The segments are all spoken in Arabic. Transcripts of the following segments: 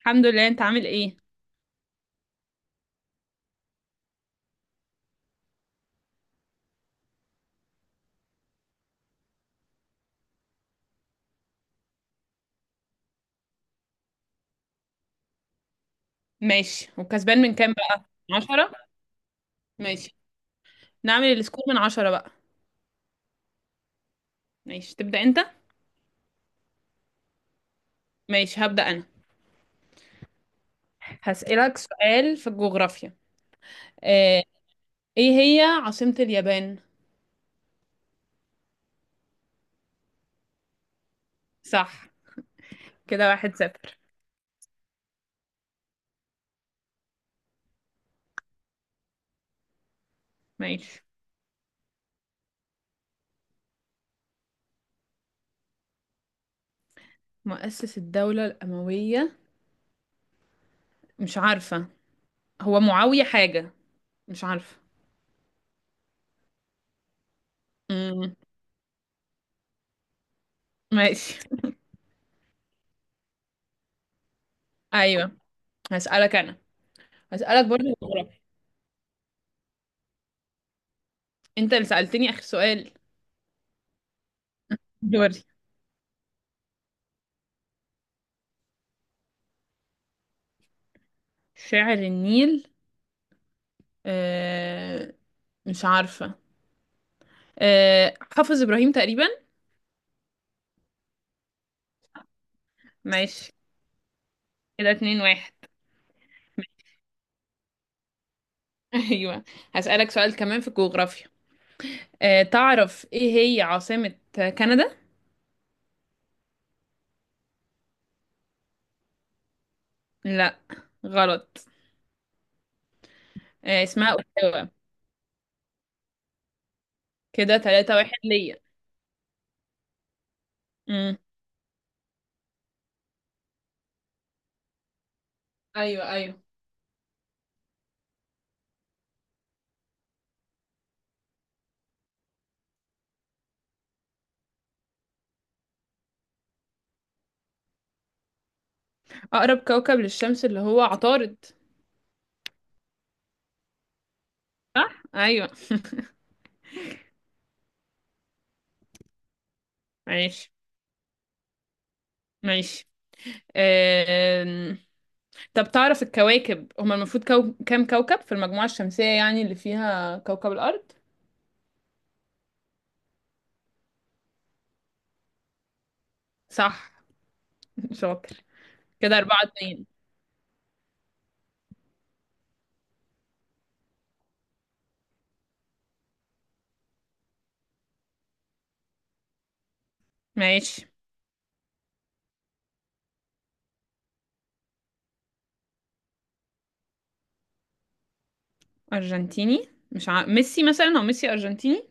الحمد لله. انت عامل ايه؟ ماشي، وكسبان من كام بقى، من 10؟ ماشي، نعمل السكور من 10 بقى. ماشي، تبدأ انت. ماشي، هبدأ انا. هسألك سؤال في الجغرافيا. آه، ايه هي عاصمة اليابان؟ صح. كده 1-0. ماشي. مؤسس الدولة الأموية؟ مش عارفة. هو معاوية حاجة. مش عارفة. امم. ماشي. ايوه، هسألك انا. هسألك برضو جغرافيا. انت اللي سألتني آخر سؤال. دوري. شاعر النيل. آه مش عارفة. حافظ إبراهيم تقريبا. ماشي. كده 2-1. أيوة. هسألك سؤال كمان في الجغرافيا. تعرف إيه هي عاصمة كندا؟ لا، غلط. اسمها أوتاوا. كده 3-1 ليا. مم. أيوة، أيوة. أقرب كوكب للشمس اللي هو عطارد. صح؟ أيوة. ماشي. ماشي. آم، طب تعرف الكواكب هما المفروض كام كوكب في المجموعة الشمسية يعني اللي فيها كوكب الأرض؟ صح، شاطر. كده 4-2. ماشي. أرجنتيني مش ع... ميسي مثلا. أو ميسي أرجنتيني.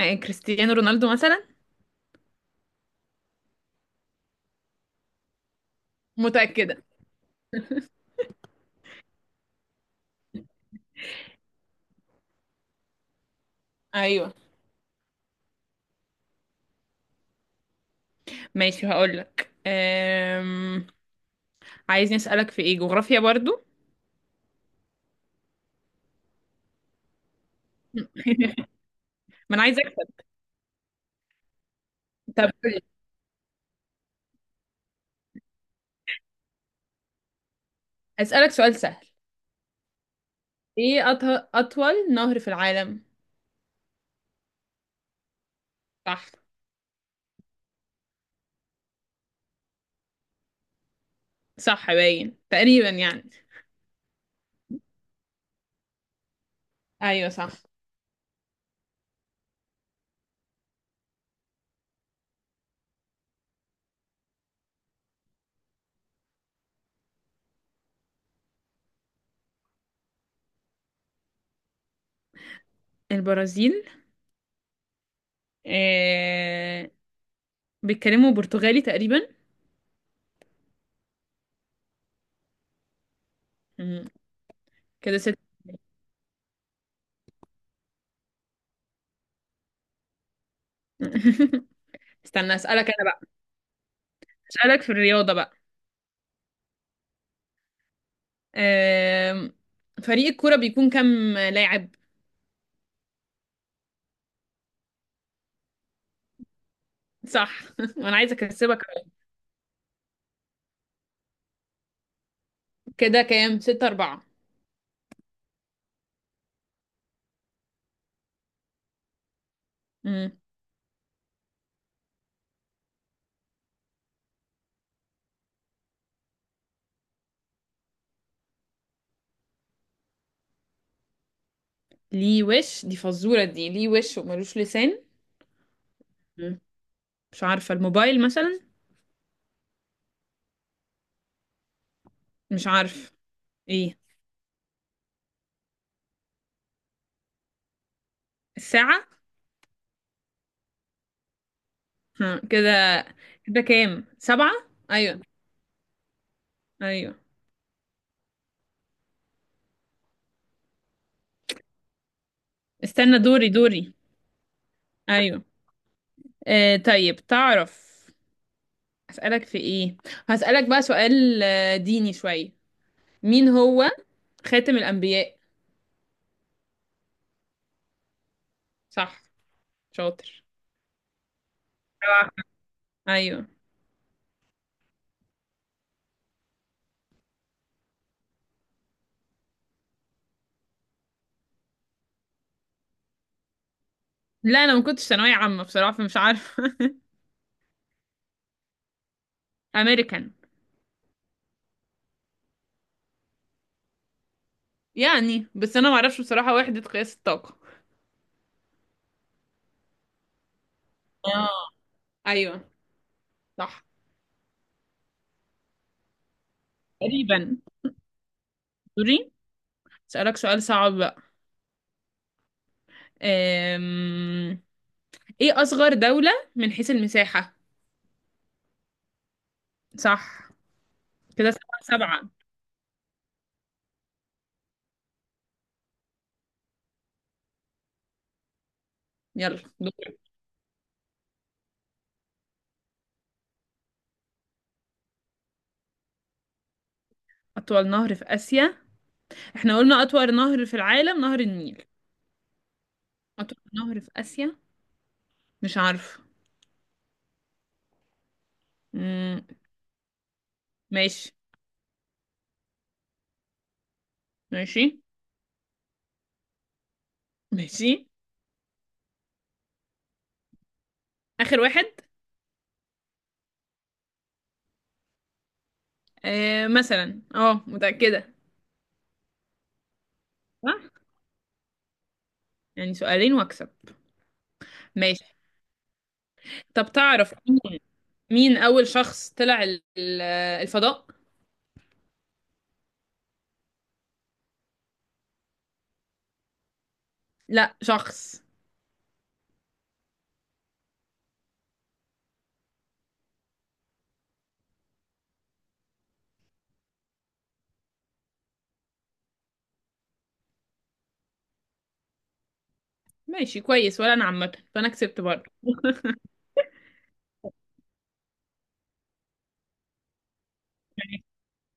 كريستيانو رونالدو مثلا. متأكدة. أيوه. ماشي، هقولك. عايزني أسألك في إيه، جغرافيا برضو؟ ما أنا عايزة أكسب. طب قولي. أسألك سؤال سهل. إيه أط... أطول نهر في العالم؟ صح. صح، باين تقريبا يعني. أيوه، صح. البرازيل. أه... بيتكلموا برتغالي تقريبا. مم. كده ست. استنى، اسألك انا بقى. اسألك في الرياضة بقى. أم... فريق الكورة بيكون كام لاعب؟ صح. وانا عايزة اكسبك أهو. كده كام، 6-4. مم. ليه وش، دي فزورة، دي ليه وش وملوش لسان؟ مم. مش عارفة، الموبايل مثلا. مش عارف ايه. الساعة. ها كده. كده كام، سبعة. ايوه، ايوه. استنى، دوري دوري. ايوه. طيب، تعرف اسألك في ايه. هسألك بقى سؤال ديني شوية. مين هو خاتم الأنبياء؟ صح، شاطر. أيوه. لا، أنا ما كنتش ثانوية عامة بصراحة فمش عارفة. أمريكان. يعني بس أنا ما أعرفش بصراحة وحدة قياس الطاقة. اه، أيوه، صح. تقريبا. دوري. أسألك سؤال صعب بقى. أم... إيه أصغر دولة من حيث المساحة؟ صح. كده 7-7. يلا دور. أطول نهر في آسيا. احنا قلنا أطول نهر في العالم نهر النيل. أطول نهر في آسيا. مش عارفة. مم، ماشي. ماشي. ماشي. آخر واحد. آه مثلا، اه، متأكدة. صح. يعني سؤالين واكسب. ماشي. طب تعرف مين، مين أول شخص طلع الفضاء؟ لا، شخص. ماشي كويس، ولا أنا عامة فأنا كسبت برضه.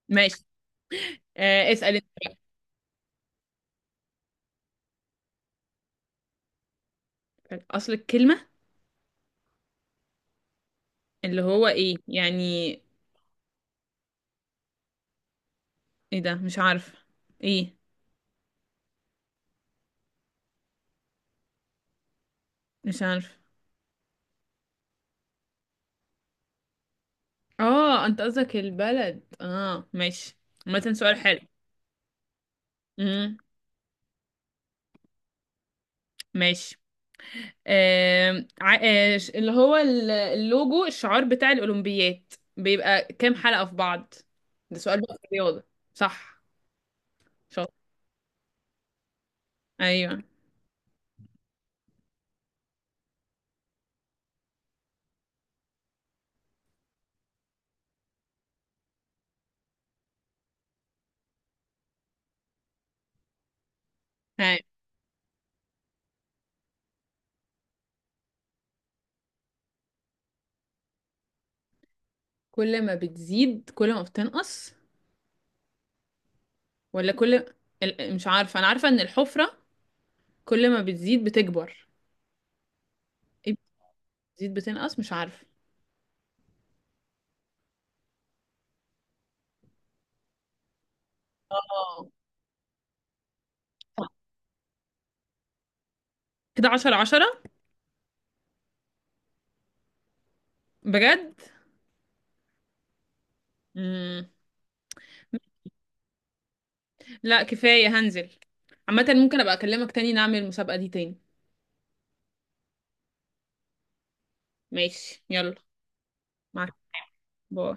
ماشي. اسأل انت. أصل الكلمة اللي هو إيه يعني. إيه ده؟ مش عارف إيه. مش عارف. اه، أنت قصدك البلد، اه ماشي. عامة سؤال حلو. امم. ماشي. آم، ع- آه، ش- اللي هو اللوجو، الشعار بتاع الأولمبيات، بيبقى كام حلقة في بعض؟ ده سؤال بقى في الرياضة. صح، شاطر. ايوه. هاي. كل ما بتزيد كل ما بتنقص. ولا مش عارفة، انا عارفة ان الحفرة كل ما بتزيد بتكبر. ايه، بتزيد بتنقص، مش عارفة. اه، صح. كده 10-10. بجد. مم. لا، كفاية، هنزل. عامة ممكن ابقى اكلمك تاني نعمل المسابقة دي تاني. ماشي يلا. معاك. باي.